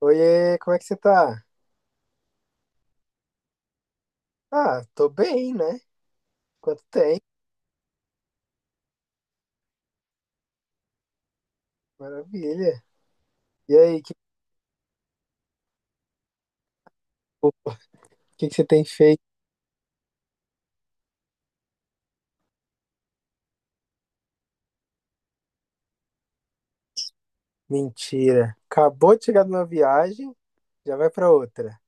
Oiê, como é que você tá? Ah, tô bem, né? Quanto tempo, maravilha. E aí, que, o que que você tem feito? Mentira. Acabou de chegar de uma viagem, já vai pra outra.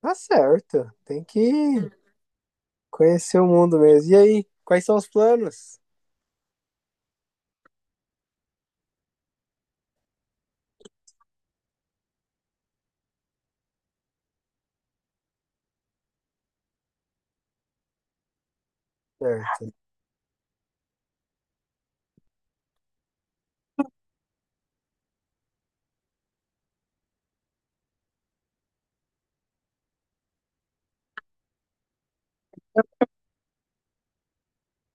Tá certo, tem que conhecer o mundo mesmo. E aí, quais são os planos? Certo.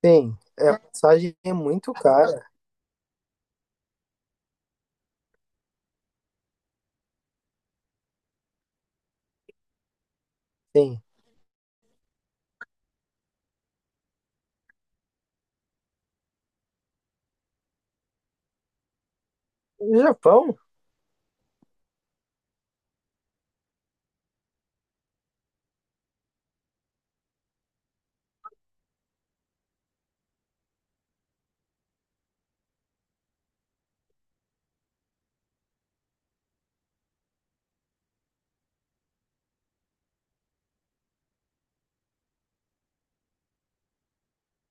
Sim, é, a passagem é muito cara. Sim. No Japão?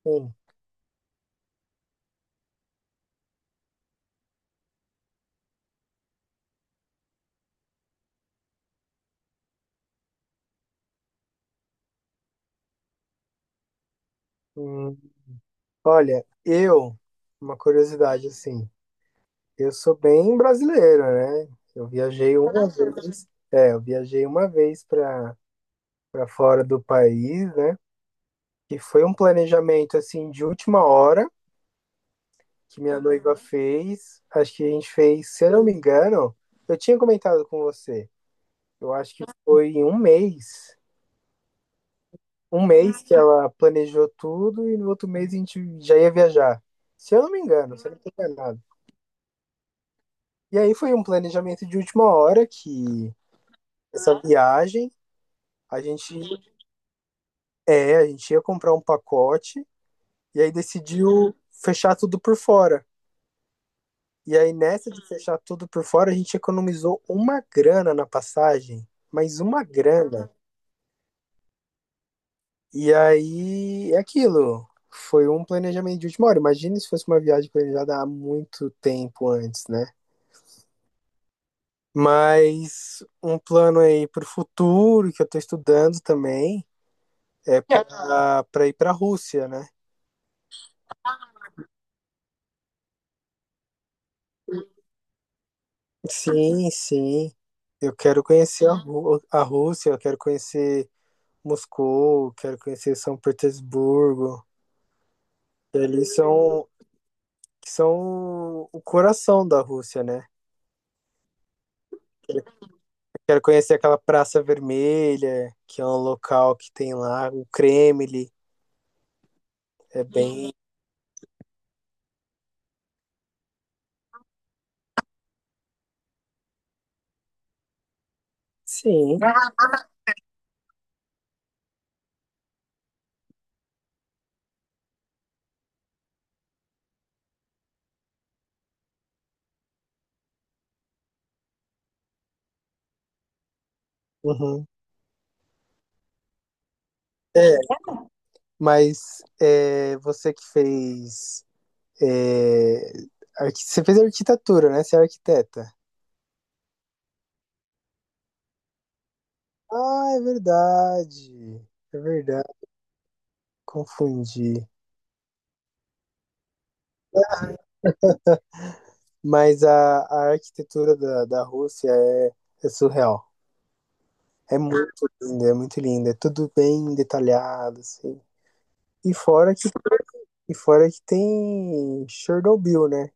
Sim. Hum, olha, uma curiosidade assim. Eu sou bem brasileiro, né? Eu viajei uma vez, eu viajei uma vez para para fora do país, né? E foi um planejamento assim de última hora que minha noiva fez. Acho que a gente fez, se eu não me engano, eu tinha comentado com você. Eu acho que foi em um mês que ela planejou tudo e no outro mês a gente já ia viajar. Se eu não me engano, se eu não estou enganado. E aí foi um planejamento de última hora que essa viagem a gente... É, a gente ia comprar um pacote e aí decidiu fechar tudo por fora. E aí, nessa de fechar tudo por fora, a gente economizou uma grana na passagem, mas uma grana. E aí é aquilo. Foi um planejamento de última hora. Imagina se fosse uma viagem planejada há muito tempo antes, né? Mas um plano aí para o futuro que eu estou estudando também é para para ir para a Rússia, né? Sim, sim. Eu quero conhecer a, Ru- a Rússia, eu quero conhecer Moscou, eu quero conhecer São Petersburgo, que ali são, que são o coração da Rússia, né? Eu quero conhecer aquela Praça Vermelha, que é um local que tem lá, o Kremlin, é bem... Sim. Uhum. É, mas é, você que fez... é, arqui- Você fez arquitetura, né? Você é arquiteta. Ah, é verdade. É verdade. Confundi. Mas a arquitetura da Rússia é, é surreal. É muito linda, é muito linda. É tudo bem detalhado, assim. E fora que, e fora que tem Chernobyl, né?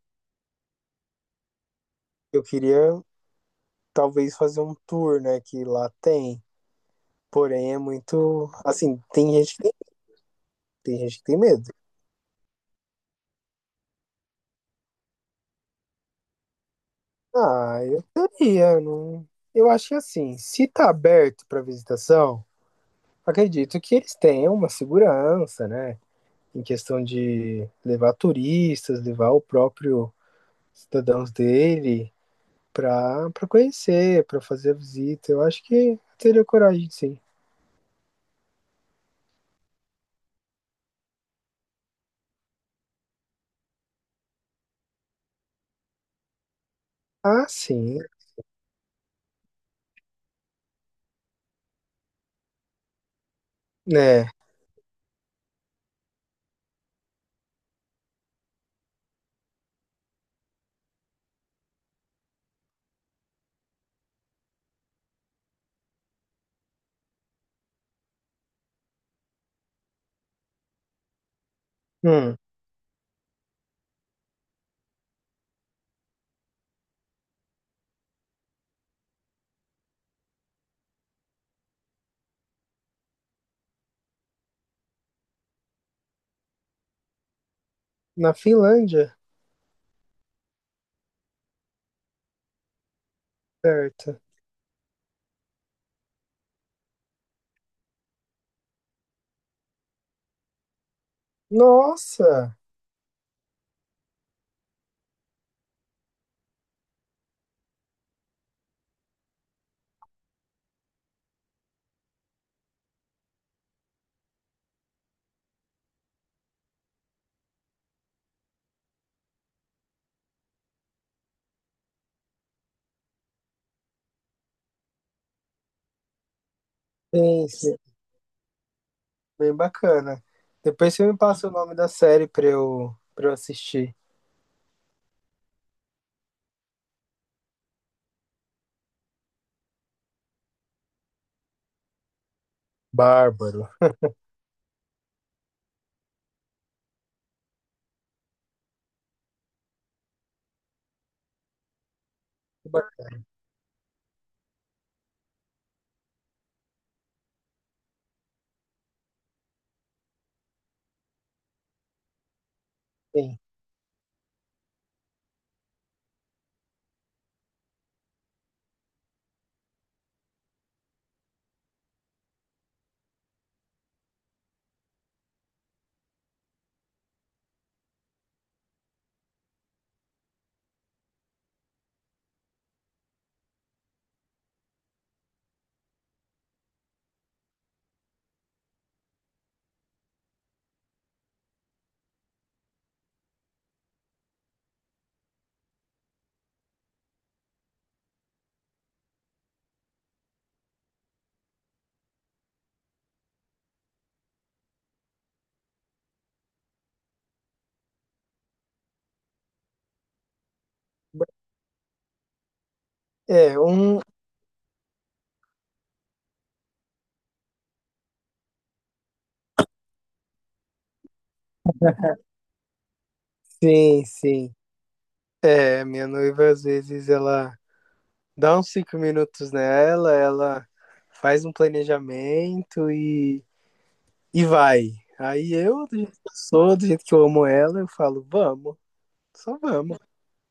Eu queria talvez fazer um tour, né? Que lá tem. Porém, é muito. Assim, tem gente que tem medo. Ah, eu teria. Não... Eu acho que assim, se tá aberto para visitação. Acredito que eles tenham uma segurança, né? Em questão de levar turistas, levar o próprio cidadãos dele para para conhecer, para fazer a visita. Eu acho que teria coragem, sim. Ah, sim, né? Hum, na Finlândia, certo. Nossa, sim, sim, bem bacana. Depois você me passa o nome da série para eu assistir. Bárbaro. Sim. É, um. Sim, sim. É, minha noiva às vezes ela dá uns 5 minutos nela, ela faz um planejamento e vai. Aí eu, do jeito que eu sou, do jeito que eu amo ela, eu falo, vamos, só vamos.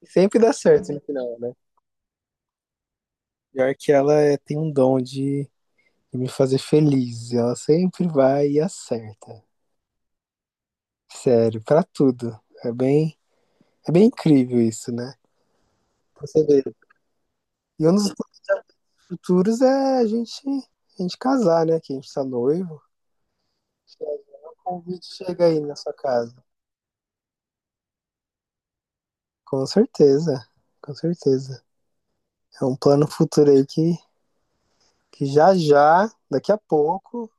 E sempre dá certo no final, né? Pior que ela é- tem um dom de me fazer feliz. Ela sempre vai e acerta. Sério, pra tudo. É bem, é bem incrível isso, né? Pra Você vê. E um dos futuros é a gente casar, né? Que a gente tá noivo. O convite chega aí na sua casa. Com certeza, com certeza. É um plano futuro aí que já já, daqui a pouco,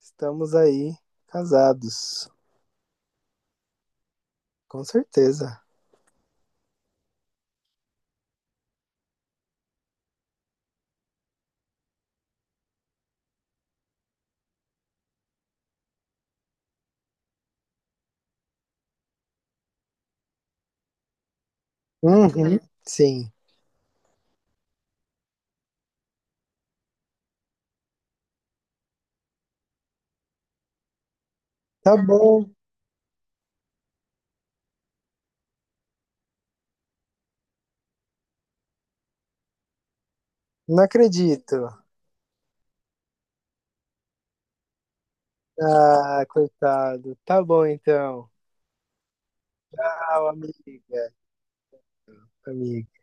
estamos aí casados. Com certeza. Uhum, sim. Tá bom, não acredito. Ah, coitado. Tá bom então. Tchau, amiga. Amiga.